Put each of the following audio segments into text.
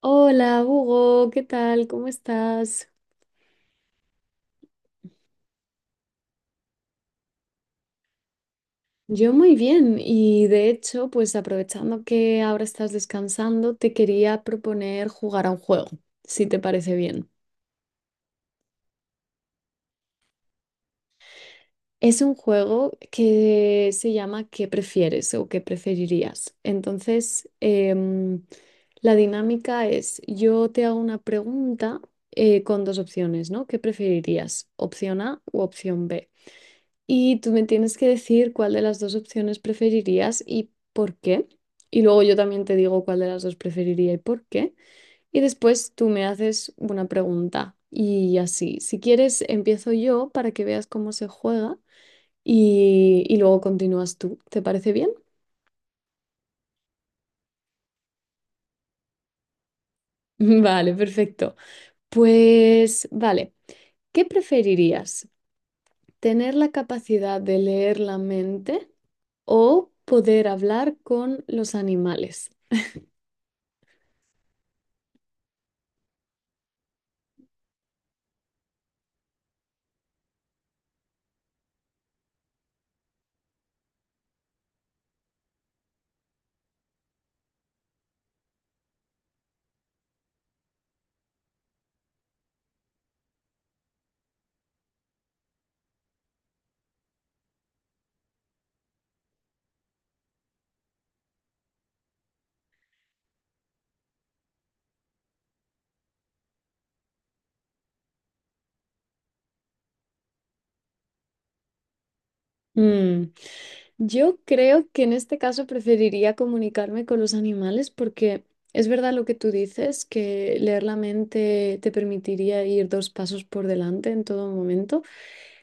Hola, Hugo, ¿qué tal? ¿Cómo estás? Yo muy bien y de hecho, pues aprovechando que ahora estás descansando, te quería proponer jugar a un juego, si te parece bien. Es un juego que se llama ¿Qué prefieres o qué preferirías? La dinámica es, yo te hago una pregunta con dos opciones, ¿no? ¿Qué preferirías? Opción A u opción B. Y tú me tienes que decir cuál de las dos opciones preferirías y por qué. Y luego yo también te digo cuál de las dos preferiría y por qué. Y después tú me haces una pregunta. Y así, si quieres, empiezo yo para que veas cómo se juega y luego continúas tú. ¿Te parece bien? Vale, perfecto. Pues vale, ¿qué preferirías? ¿Tener la capacidad de leer la mente o poder hablar con los animales? Mm, yo creo que en este caso preferiría comunicarme con los animales porque es verdad lo que tú dices, que leer la mente te permitiría ir dos pasos por delante en todo momento,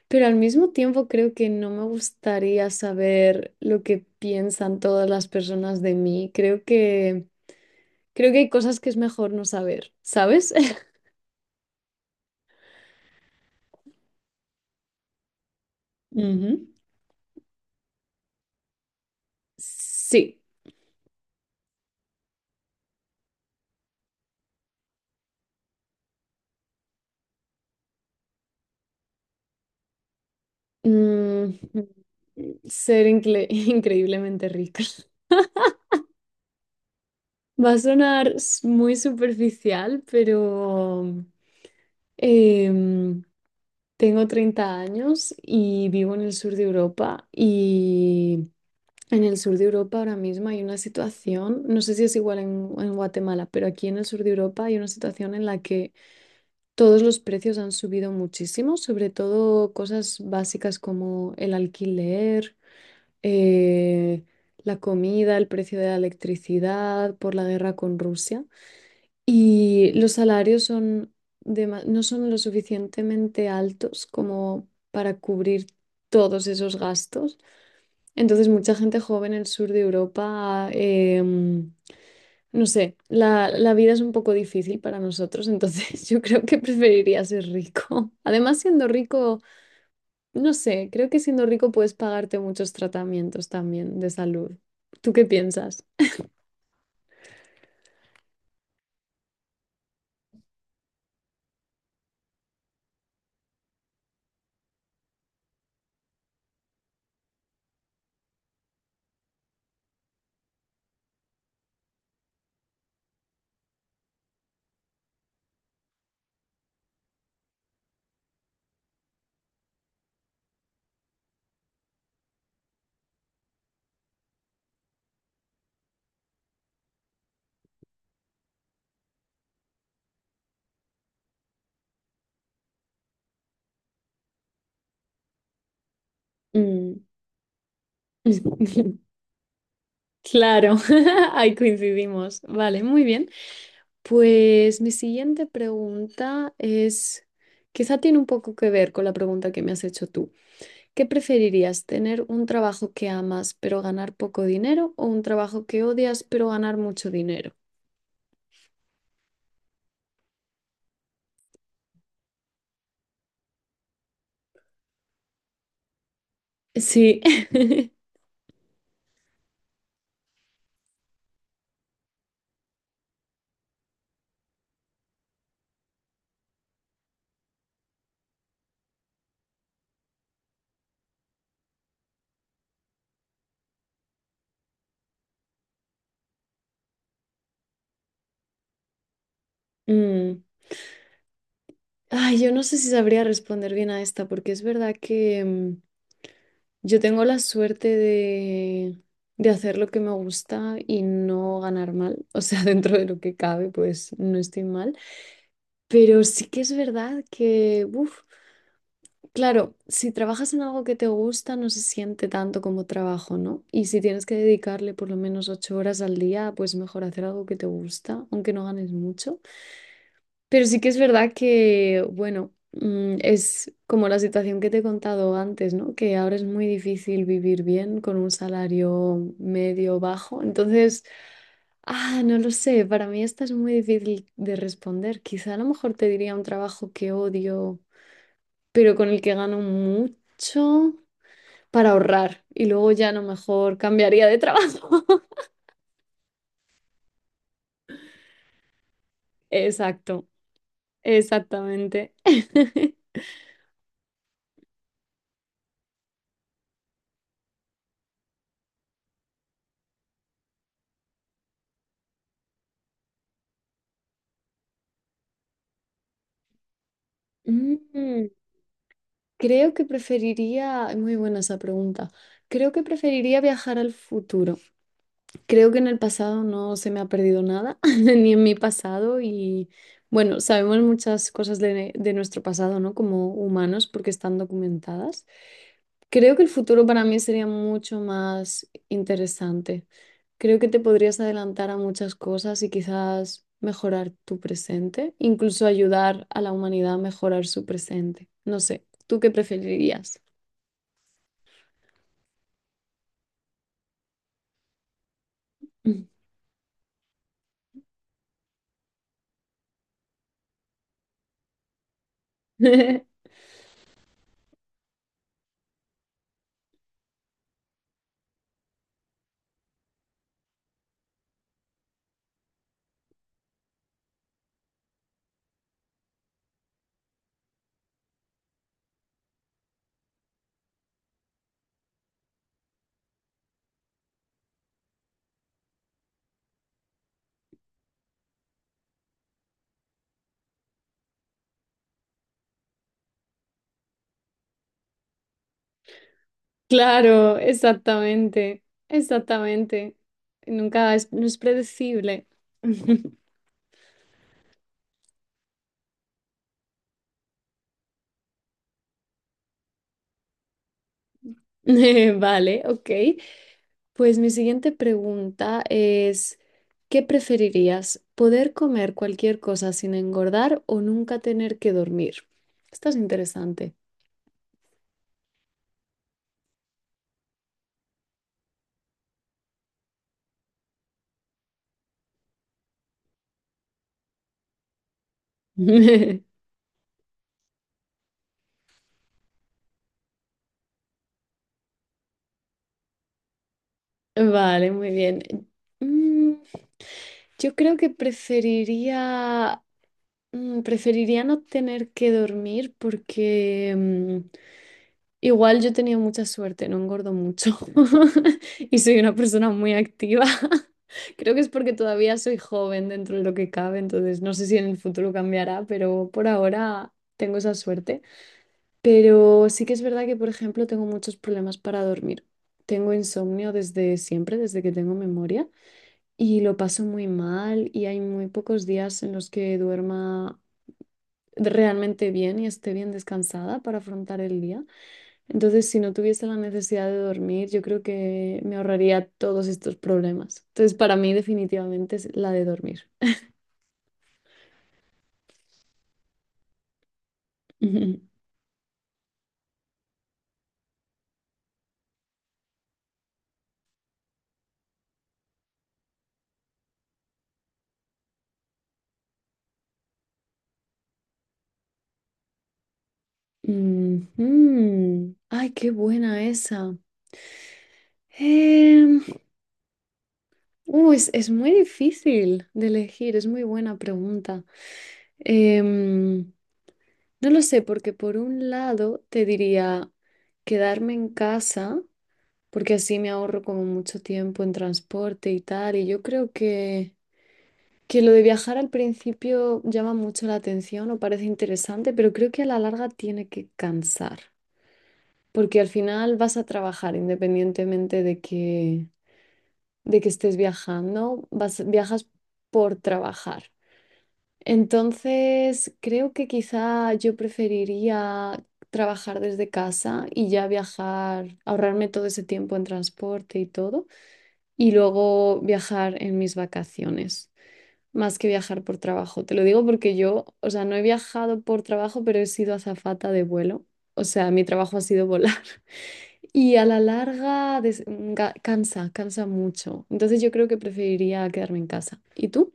pero al mismo tiempo creo que no me gustaría saber lo que piensan todas las personas de mí. Creo que hay cosas que es mejor no saber, ¿sabes? Ujú. Sí. Mm, mm, Increíblemente rica. Va a sonar s- muy superficial, pero em, tengo 30 años y vivo en el sur de Europa y en el sur de Europa ahora mismo hay una situación, no sé si es igual en Guatemala, pero aquí en el sur de Europa hay una situación en la que todos los precios han subido muchísimo, sobre todo cosas básicas como el alquiler, eh, la comida, el precio de la electricidad por la guerra con Rusia. Y los salarios son no son lo suficientemente altos como para cubrir todos esos gastos. Entonces, mucha gente joven en el sur de Europa, no sé, la vida es un poco difícil para nosotros, entonces yo creo que preferiría ser rico. Además, siendo rico, no sé, creo que siendo rico puedes pagarte muchos tratamientos también de salud. ¿Tú qué piensas? Mm. Claro, ahí coincidimos. Vale, muy bien. Pues mi siguiente pregunta es, quizá tiene un poco que ver con la pregunta que me has hecho tú. ¿Qué preferirías, tener un trabajo que amas pero ganar poco dinero o un trabajo que odias pero ganar mucho dinero? Sí. Mm, ay, yo no sé si sabría responder bien a esta, porque es verdad que yo tengo la suerte de hacer lo que me gusta y no ganar mal. O sea, dentro de lo que cabe, pues no estoy mal. Pero sí que es verdad que, uf, claro, si trabajas en algo que te gusta, no se siente tanto como trabajo, ¿no? Y si tienes que dedicarle por lo menos ocho horas al día, pues mejor hacer algo que te gusta, aunque no ganes mucho. Pero sí que es verdad que, bueno, es como la situación que te he contado antes, ¿no? Que ahora es muy difícil vivir bien con un salario medio bajo. Entonces, ah, no lo sé, para mí esta es muy difícil de responder. Quizá a lo mejor te diría un trabajo que odio, pero con el que gano mucho para ahorrar y luego ya a lo mejor cambiaría de trabajo. Exacto, exactamente. Mm. Creo que preferiría, muy buena esa pregunta, creo que preferiría viajar al futuro. Creo que en el pasado no se me ha perdido nada, ni en mi pasado. Y bueno, sabemos muchas cosas de nuestro pasado, ¿no? Como humanos, porque están documentadas. Creo que el futuro para mí sería mucho más interesante. Creo que te podrías adelantar a muchas cosas y quizás mejorar tu presente, incluso ayudar a la humanidad a mejorar su presente. No sé, ¿tú qué preferirías? Claro, exactamente, exactamente. Nunca es, no es predecible. Vale, ok. Pues mi siguiente pregunta es, ¿qué preferirías? ¿Poder comer cualquier cosa sin engordar o nunca tener que dormir? Esto es interesante. Vale, muy bien. Mm, yo creo que preferiría, preferiría no tener que dormir porque... igual yo he tenido mucha suerte, no engordo mucho y soy una persona muy activa. Creo que es porque todavía soy joven dentro de lo que cabe, entonces no sé si en el futuro cambiará, pero por ahora tengo esa suerte. Pero sí que es verdad que, por ejemplo, tengo muchos problemas para dormir. Tengo insomnio desde siempre, desde que tengo memoria, y lo paso muy mal y hay muy pocos días en los que duerma realmente bien y esté bien descansada para afrontar el día. Entonces, si no tuviese la necesidad de dormir, yo creo que me ahorraría todos estos problemas. Entonces, para mí definitivamente es la de dormir. Ujú. Ay, qué buena esa. Em, es muy difícil de elegir, es muy buena pregunta. Em, no lo sé, porque por un lado te diría quedarme en casa, porque así me ahorro como mucho tiempo en transporte y tal, y yo creo que lo de viajar al principio llama mucho la atención o parece interesante, pero creo que a la larga tiene que cansar, porque al final vas a trabajar independientemente de que estés viajando, vas, viajas por trabajar. Entonces, creo que quizá yo preferiría trabajar desde casa y ya viajar, ahorrarme todo ese tiempo en transporte y todo, y luego viajar en mis vacaciones más que viajar por trabajo. Te lo digo porque yo, o sea, no he viajado por trabajo, pero he sido azafata de vuelo. O sea, mi trabajo ha sido volar. Y a la larga cansa, cansa mucho. Entonces yo creo que preferiría quedarme en casa. ¿Y tú?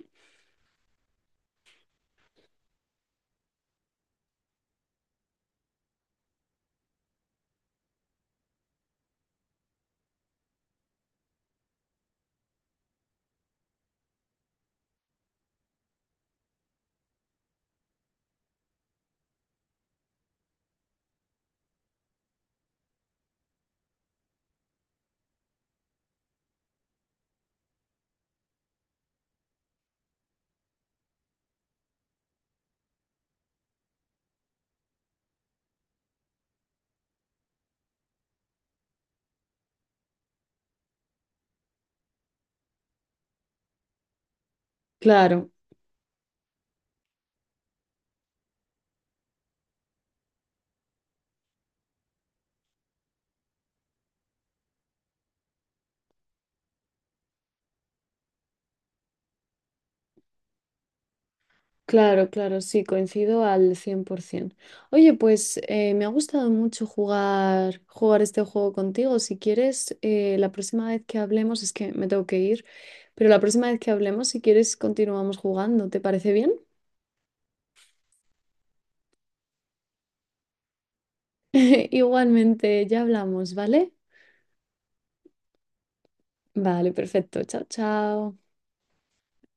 Claro, claro, claro, sí, coincido al 100%. Oye, pues me ha gustado mucho jugar este juego contigo. Si quieres, la próxima vez que hablemos, es que me tengo que ir, pero la próxima vez que hablemos, si quieres, continuamos jugando. ¿Te parece bien? Igualmente, ya hablamos, ¿vale? Vale, perfecto. Chao, chao.